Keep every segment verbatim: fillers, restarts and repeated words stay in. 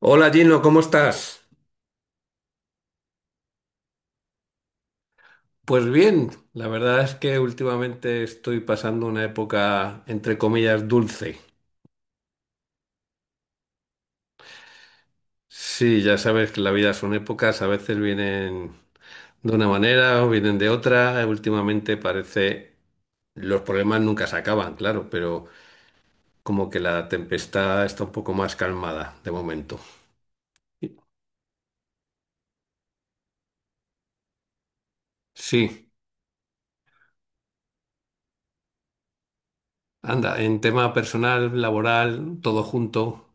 Hola Gino, ¿cómo estás? Pues bien, la verdad es que últimamente estoy pasando una época, entre comillas, dulce. Sí, ya sabes que la vida son épocas, a veces vienen de una manera o vienen de otra. Últimamente parece, los problemas nunca se acaban, claro, pero como que la tempestad está un poco más calmada de momento. Sí, anda, en tema personal, laboral, todo junto.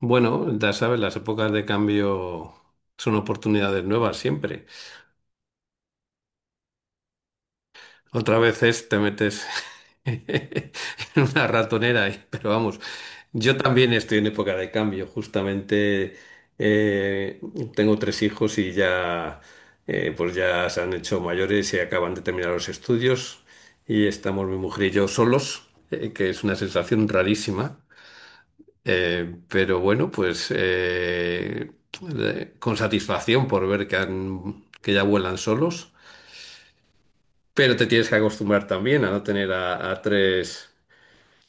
Bueno, ya sabes, las épocas de cambio son oportunidades nuevas siempre. Otra vez es, te metes en una ratonera, y- pero vamos, yo también estoy en época de cambio. Justamente eh, tengo tres hijos y ya, eh, pues ya se han hecho mayores y acaban de terminar los estudios y estamos mi mujer y yo solos, eh, que es una sensación rarísima. Eh, pero bueno, pues eh, eh, con satisfacción por ver que, han- que ya vuelan solos, pero te tienes que acostumbrar también a no tener a, a tres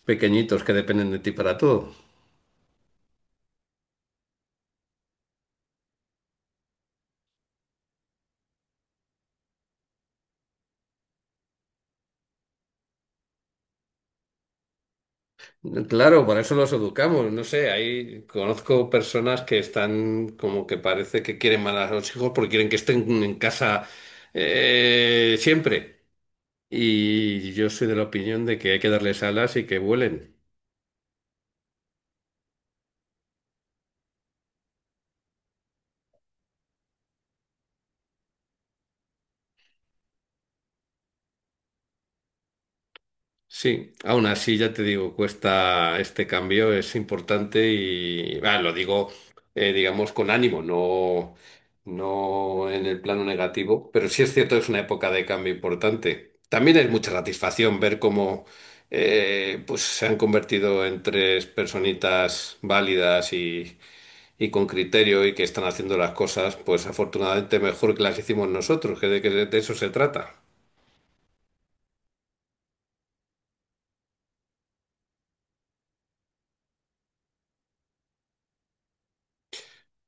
pequeñitos que dependen de ti para todo. Claro, para eso los educamos, no sé, ahí conozco personas que están como que parece que quieren mal a los hijos porque quieren que estén en casa eh, siempre. Y yo soy de la opinión de que hay que darles alas y que vuelen. Sí, aún así ya te digo, cuesta este cambio, es importante y ah, lo digo, eh, digamos, con ánimo, no, no en el plano negativo, pero sí es cierto, es una época de cambio importante. También es mucha satisfacción ver cómo eh, pues se han convertido en tres personitas válidas y, y con criterio y que están haciendo las cosas, pues afortunadamente mejor que las hicimos nosotros, que de, que de de eso se trata.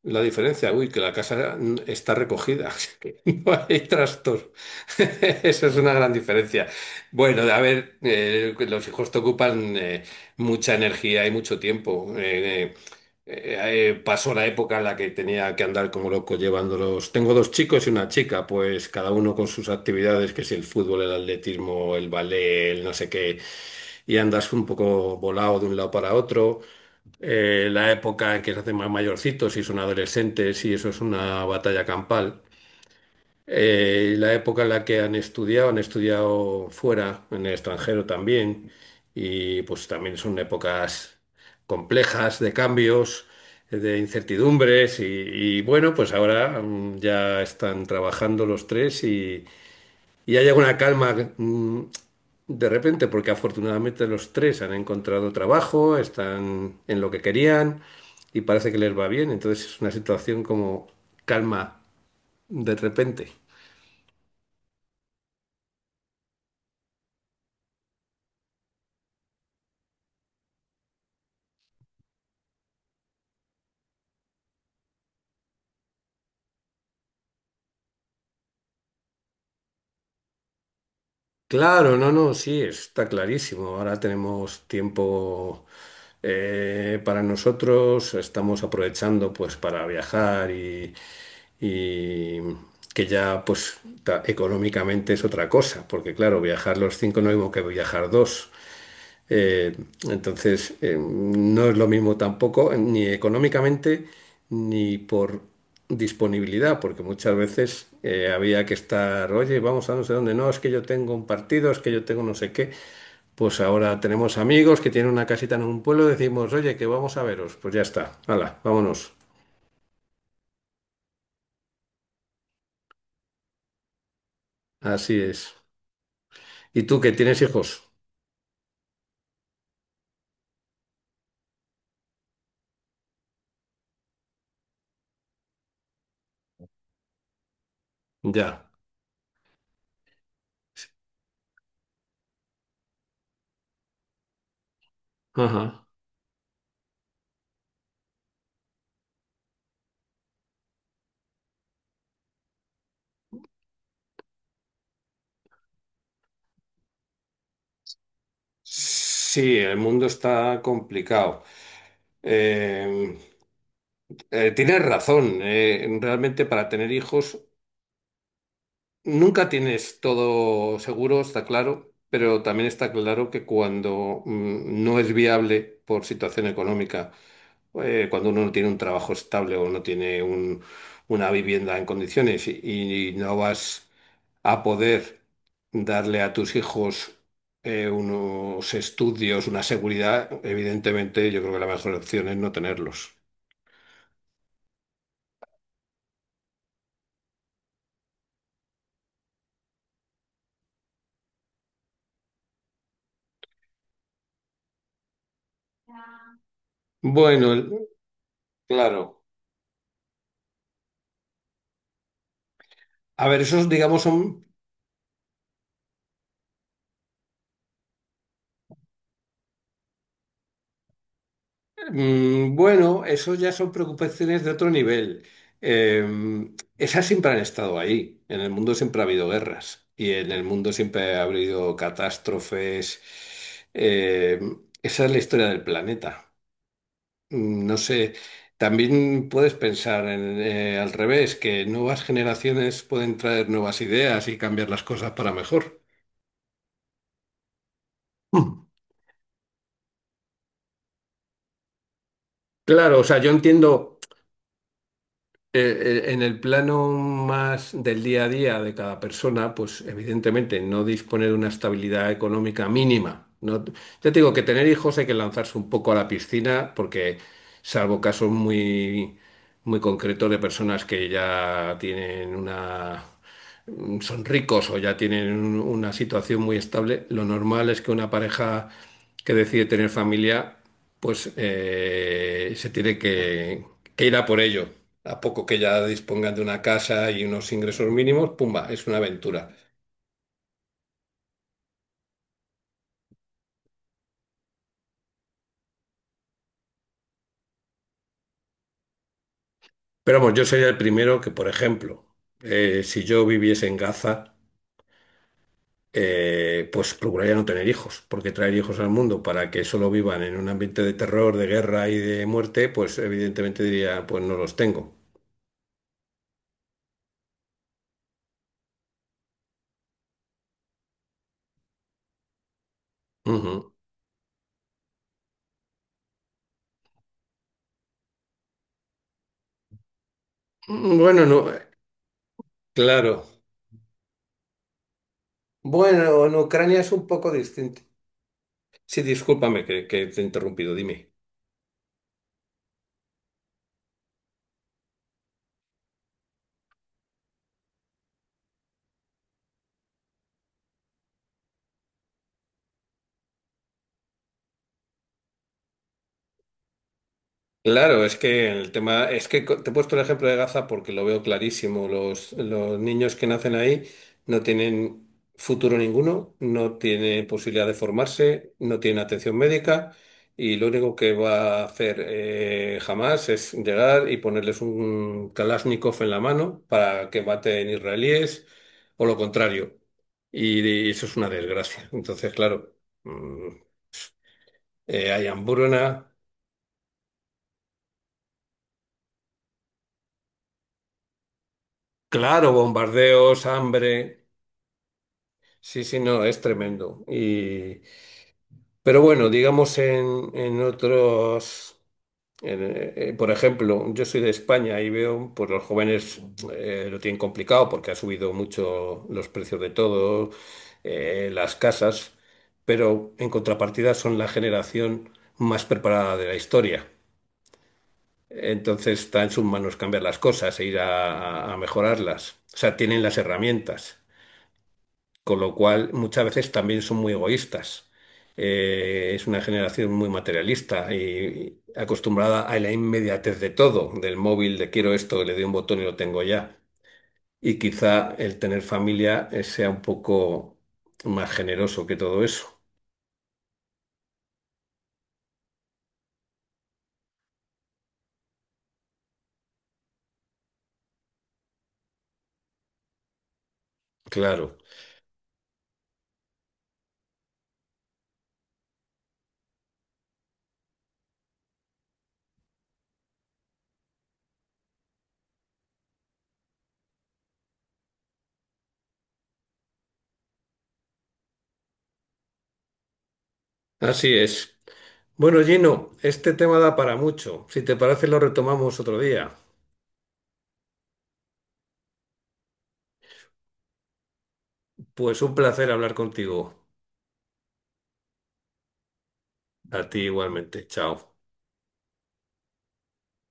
La diferencia, uy, que la casa está recogida, que no hay trastos. Eso es una gran diferencia. Bueno, a ver, eh, los hijos te ocupan eh, mucha energía y mucho tiempo. Eh, eh, eh, Pasó la época en la que tenía que andar como loco llevándolos. Tengo dos chicos y una chica, pues cada uno con sus actividades, que si el fútbol, el atletismo, el ballet, el no sé qué, y andas un poco volado de un lado para otro. Eh, la época en que se hacen más mayorcitos y son adolescentes y eso es una batalla campal. Eh, la época en la que han estudiado, han estudiado fuera, en el extranjero también, y pues también son épocas complejas de cambios, de incertidumbres y, y bueno, pues ahora mm, ya están trabajando los tres y hay alguna calma mm, de repente, porque afortunadamente los tres han encontrado trabajo, están en lo que querían y parece que les va bien. Entonces es una situación como calma de repente. Claro, no, no, sí, está clarísimo. Ahora tenemos tiempo eh, para nosotros, estamos aprovechando pues para viajar y, y que ya pues ta- económicamente es otra cosa, porque claro, viajar los cinco no es lo mismo que viajar dos. Eh, entonces, eh, no es lo mismo tampoco, eh, ni económicamente, ni por disponibilidad, porque muchas veces eh, había que estar, oye, vamos a no sé dónde, no, es que yo tengo un partido, es que yo tengo no sé qué. Pues ahora tenemos amigos que tienen una casita en un pueblo, decimos, oye, que vamos a veros. Pues ya está, hala, vámonos. Así es. ¿Y tú que tienes hijos? Ya. Ajá. Sí, el mundo está complicado. Eh, Eh, tienes razón. Eh, realmente para tener hijos nunca tienes todo seguro, está claro, pero también está claro que cuando mm, no es viable por situación económica, eh, cuando uno no tiene un trabajo estable o no tiene un- una vivienda en condiciones y, y no vas a poder darle a tus hijos eh, unos estudios, una seguridad, evidentemente yo creo que la mejor opción es no tenerlos. Bueno, el- claro. A ver, esos, digamos, son, mm, bueno, eso ya son preocupaciones de otro nivel. Eh, Esas siempre han estado ahí. En el mundo siempre ha habido guerras y en el mundo siempre ha habido catástrofes. Eh, Esa es la historia del planeta. Mm, No sé, también puedes pensar en, eh, al revés, que nuevas generaciones pueden traer nuevas ideas y cambiar las cosas para mejor. Mm. Claro, o sea, yo entiendo. Eh, eh, en el plano más del día a día de cada persona, pues evidentemente no dispone de una estabilidad económica mínima. No, ya te digo que tener hijos hay que lanzarse un poco a la piscina porque, salvo casos muy, muy concretos de personas que ya tienen una mm, son ricos o ya tienen un- una situación muy estable, lo normal es que una pareja que decide tener familia, pues eh, se tiene que, que ir a por ello. A poco que ya dispongan de una casa y unos ingresos mínimos, pumba, es una aventura. Pero vamos, yo sería el primero que, por ejemplo, eh, si yo viviese en Gaza, eh, pues procuraría no tener hijos, porque traer hijos al mundo para que solo vivan en un ambiente de terror, de guerra y de muerte, pues evidentemente diría, pues no los tengo. Ujú. Mm, Bueno, no, eh, claro. Bueno, en Ucrania es un poco distinto. Sí, discúlpame que, que te he interrumpido, dime. Claro, es que el tema, es que co- te he puesto el ejemplo de Gaza porque lo veo clarísimo. Los, los niños que nacen ahí no tienen futuro ninguno, no tienen posibilidad de formarse, no tienen atención médica y lo único que va a hacer eh, jamás es llegar y ponerles un Kalashnikov en la mano para que maten israelíes o lo contrario. Y, y eso es una desgracia. Entonces, claro, mm, eh, hay hambruna, claro, bombardeos, hambre. Sí, sí, no, es tremendo. Y, pero bueno, digamos en, en otros, en, eh, eh, por ejemplo, yo soy de España y veo, pues los jóvenes eh, lo tienen complicado porque ha subido mucho los precios de todo, eh, las casas, pero en contrapartida son la generación más preparada de la historia. Entonces está en sus manos cambiar las cosas e ir a a mejorarlas. O sea, tienen las herramientas. Con lo cual, muchas veces también son muy egoístas. Eh, es una generación muy materialista y acostumbrada a la inmediatez de todo, del móvil, de quiero esto, le doy un botón y lo tengo ya. Y quizá el tener familia eh, sea un poco más generoso que todo eso. Claro, así es. Bueno, Gino, este tema da para mucho. Si te parece, lo retomamos otro día. Pues un placer hablar contigo. A ti igualmente. Chao.